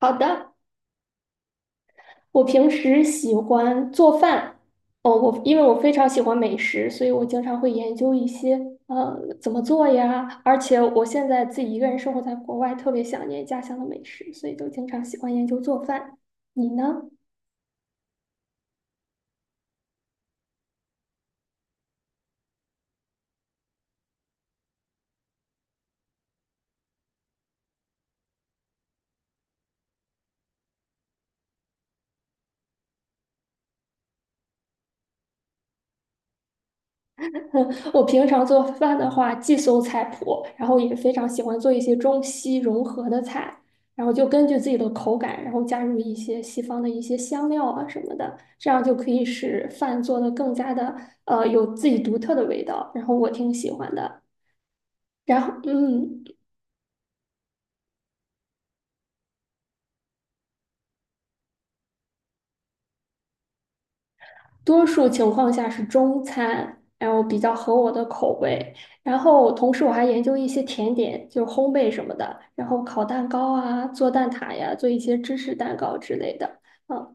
好的，我平时喜欢做饭。哦，因为我非常喜欢美食，所以我经常会研究一些呃怎么做呀。而且我现在自己一个人生活在国外，特别想念家乡的美食，所以就经常喜欢研究做饭。你呢？我平常做饭的话，既搜菜谱，然后也非常喜欢做一些中西融合的菜，然后就根据自己的口感，然后加入一些西方的一些香料啊什么的，这样就可以使饭做的更加的有自己独特的味道，然后我挺喜欢的。然后嗯。多数情况下是中餐，然后比较合我的口味。然后同时我还研究一些甜点，就是烘焙什么的，然后烤蛋糕啊，做蛋挞呀，做一些芝士蛋糕之类的。啊，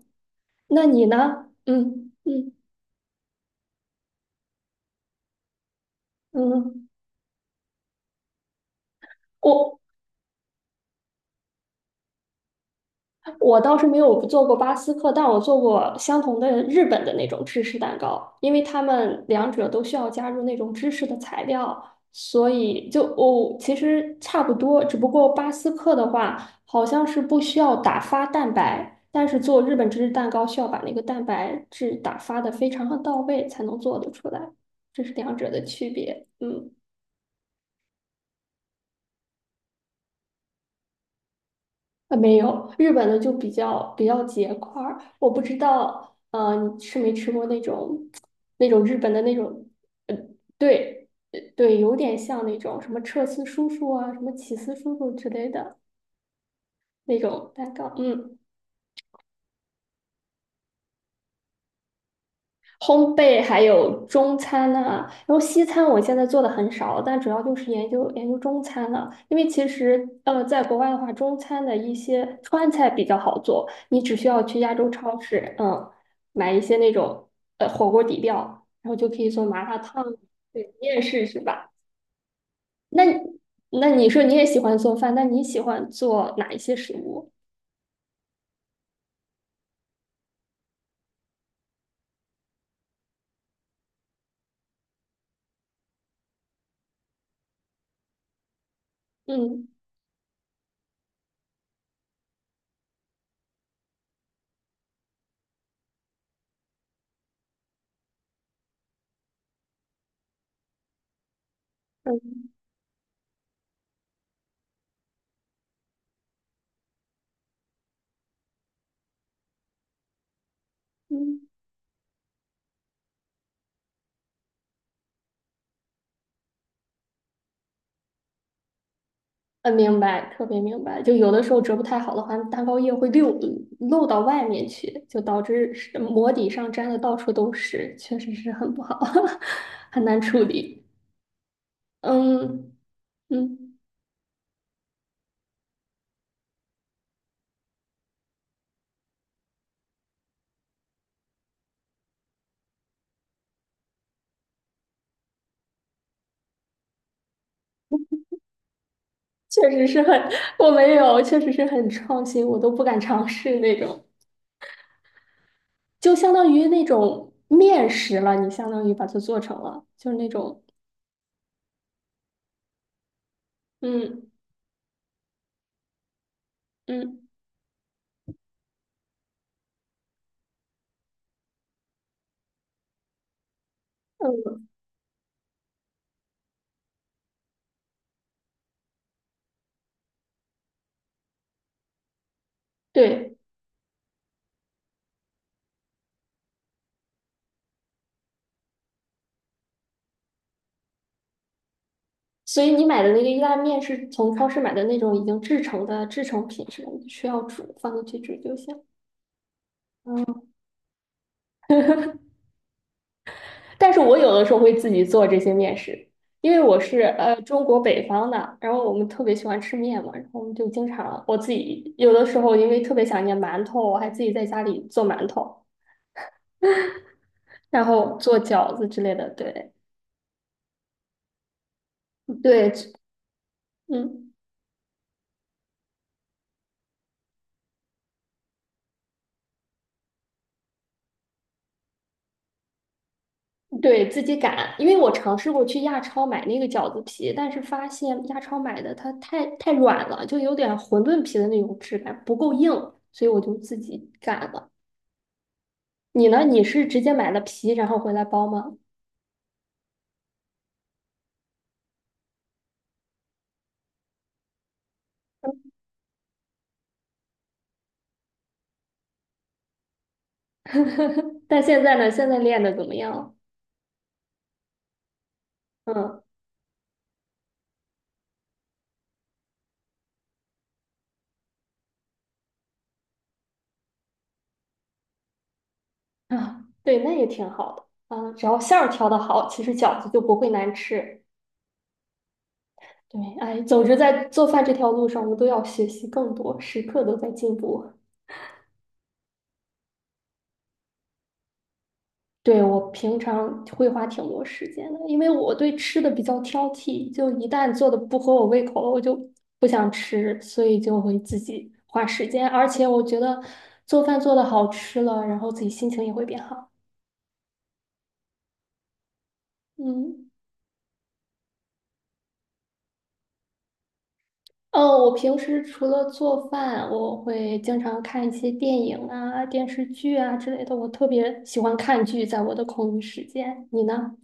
那你呢？嗯嗯嗯，我我倒是没有做过巴斯克，但我做过相同的日本的那种芝士蛋糕，因为他们两者都需要加入那种芝士的材料，所以就哦，其实差不多，只不过巴斯克的话好像是不需要打发蛋白，但是做日本芝士蛋糕需要把那个蛋白质打发的非常的到位才能做得出来，这是两者的区别。嗯。啊，没有，日本的就比较结块儿。我不知道，你吃没吃过那种日本的那种。呃，对，对对有点像那种什么彻斯叔叔啊，什么起司叔叔之类的那种蛋糕。嗯，烘焙还有中餐呐、然后西餐我现在做的很少，但主要就是研究研究中餐了。因为其实在国外的话，中餐的一些川菜比较好做，你只需要去亚洲超市，买一些那种火锅底料，然后就可以做麻辣烫。对，你也是是吧？那那你说你也喜欢做饭，那你喜欢做哪一些食物？嗯嗯嗯。嗯，明白，特别明白。就有的时候折不太好的话，蛋糕液会溜漏到外面去，就导致是膜底上粘的到处都是，确实是很不好，很难处理。嗯嗯，确实是很，我没有，确实是很创新，我都不敢尝试那种，就相当于那种面食了，你相当于把它做成了，就是那种，嗯嗯嗯，对。所以你买的那个意大利面是从超市买的那种已经制成的制成品是吧？你需要煮，放进去煮就行。嗯，但是我有的时候会自己做这些面食，因为我是中国北方的，然后我们特别喜欢吃面嘛，然后我们就经常我自己有的时候因为特别想念馒头，我还自己在家里做馒头，然后做饺子之类的。对对，嗯。对，自己擀，因为我尝试过去亚超买那个饺子皮，但是发现亚超买的它太软了，就有点馄饨皮的那种质感，不够硬，所以我就自己擀了。你呢？你是直接买了皮然后回来包吗？但现在呢？现在练的怎么样了？嗯啊，对，那也挺好的啊，只要馅儿调的好，其实饺子就不会难吃。对，哎，总之在做饭这条路上，我们都要学习更多，时刻都在进步。对，我平常会花挺多时间的，因为我对吃的比较挑剔，就一旦做的不合我胃口了，我就不想吃，所以就会自己花时间。而且我觉得做饭做的好吃了，然后自己心情也会变好。嗯。哦，我平时除了做饭，我会经常看一些电影啊、电视剧啊之类的。我特别喜欢看剧，在我的空余时间，你呢？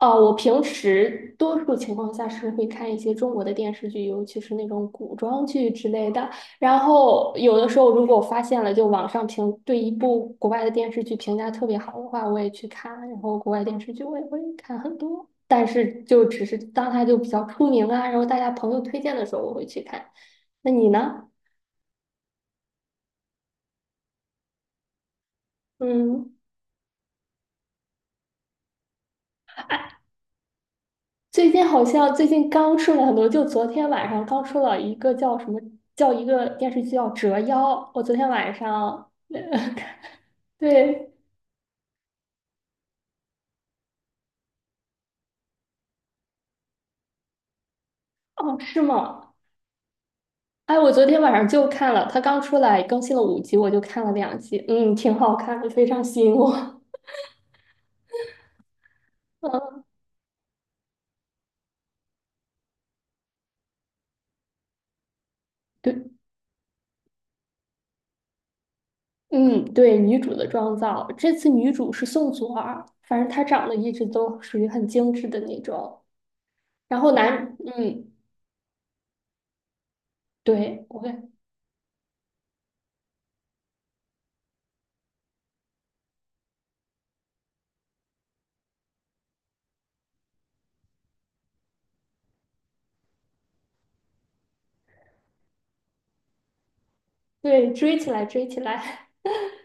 哦，我平时多数情况下是会看一些中国的电视剧，尤其是那种古装剧之类的。然后有的时候，如果我发现了，就网上评对一部国外的电视剧评价特别好的话，我也去看。然后国外电视剧我也会看很多，但是就只是当它就比较出名啊，然后大家朋友推荐的时候我会去看。那你呢？嗯。最近好像最近刚出了很多，就昨天晚上刚出了一个叫什么，叫一个电视剧叫《折腰》。我昨天晚上。对，哦，是吗？哎，我昨天晚上就看了，它刚出来更新了5集，我就看了2集，嗯，挺好看的，非常吸引我。嗯，对，嗯，对，女主的妆造，这次女主是宋祖儿，反正她长得一直都属于很精致的那种。然后男，嗯，对，我对，追起来，追起来。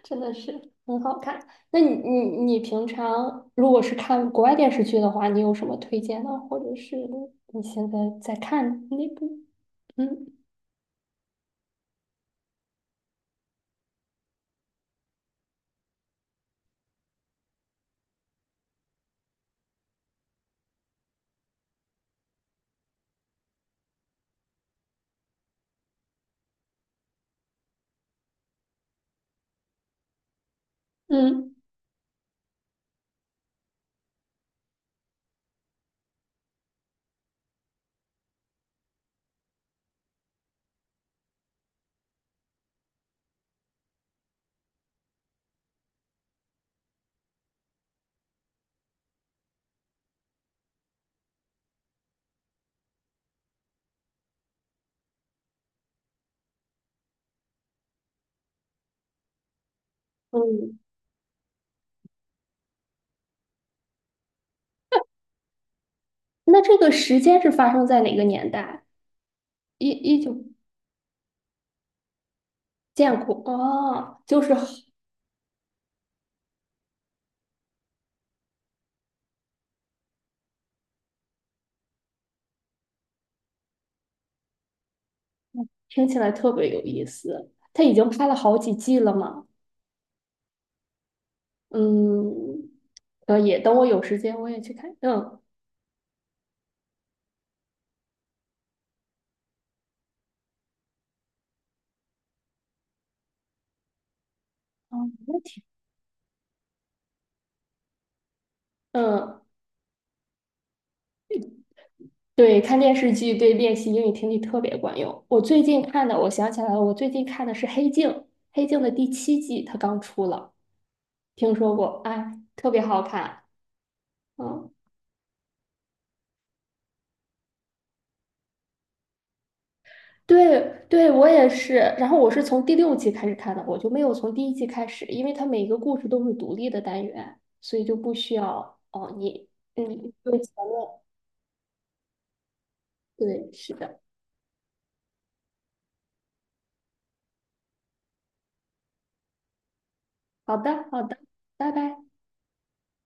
真的是很好看。那你平常如果是看国外电视剧的话，你有什么推荐的，或者是你现在在看那部？嗯嗯嗯。那这个时间是发生在哪个年代？一一九建国哦，就是听起来特别有意思。他已经拍了好几季了嘛？嗯，可以，等我有时间我也去看。嗯。哦，没问题。嗯。对，看电视剧对练习英语听力特别管用。我最近看的，我想起来了，我最近看的是《黑镜》，《黑镜》的第7季，它刚出了，听说过，哎，特别好看。嗯，对，对，我也是。然后我是从第6季开始看的，我就没有从第1季开始，因为它每个故事都是独立的单元，所以就不需要哦，你，嗯，对，是的，好的，好的，拜拜。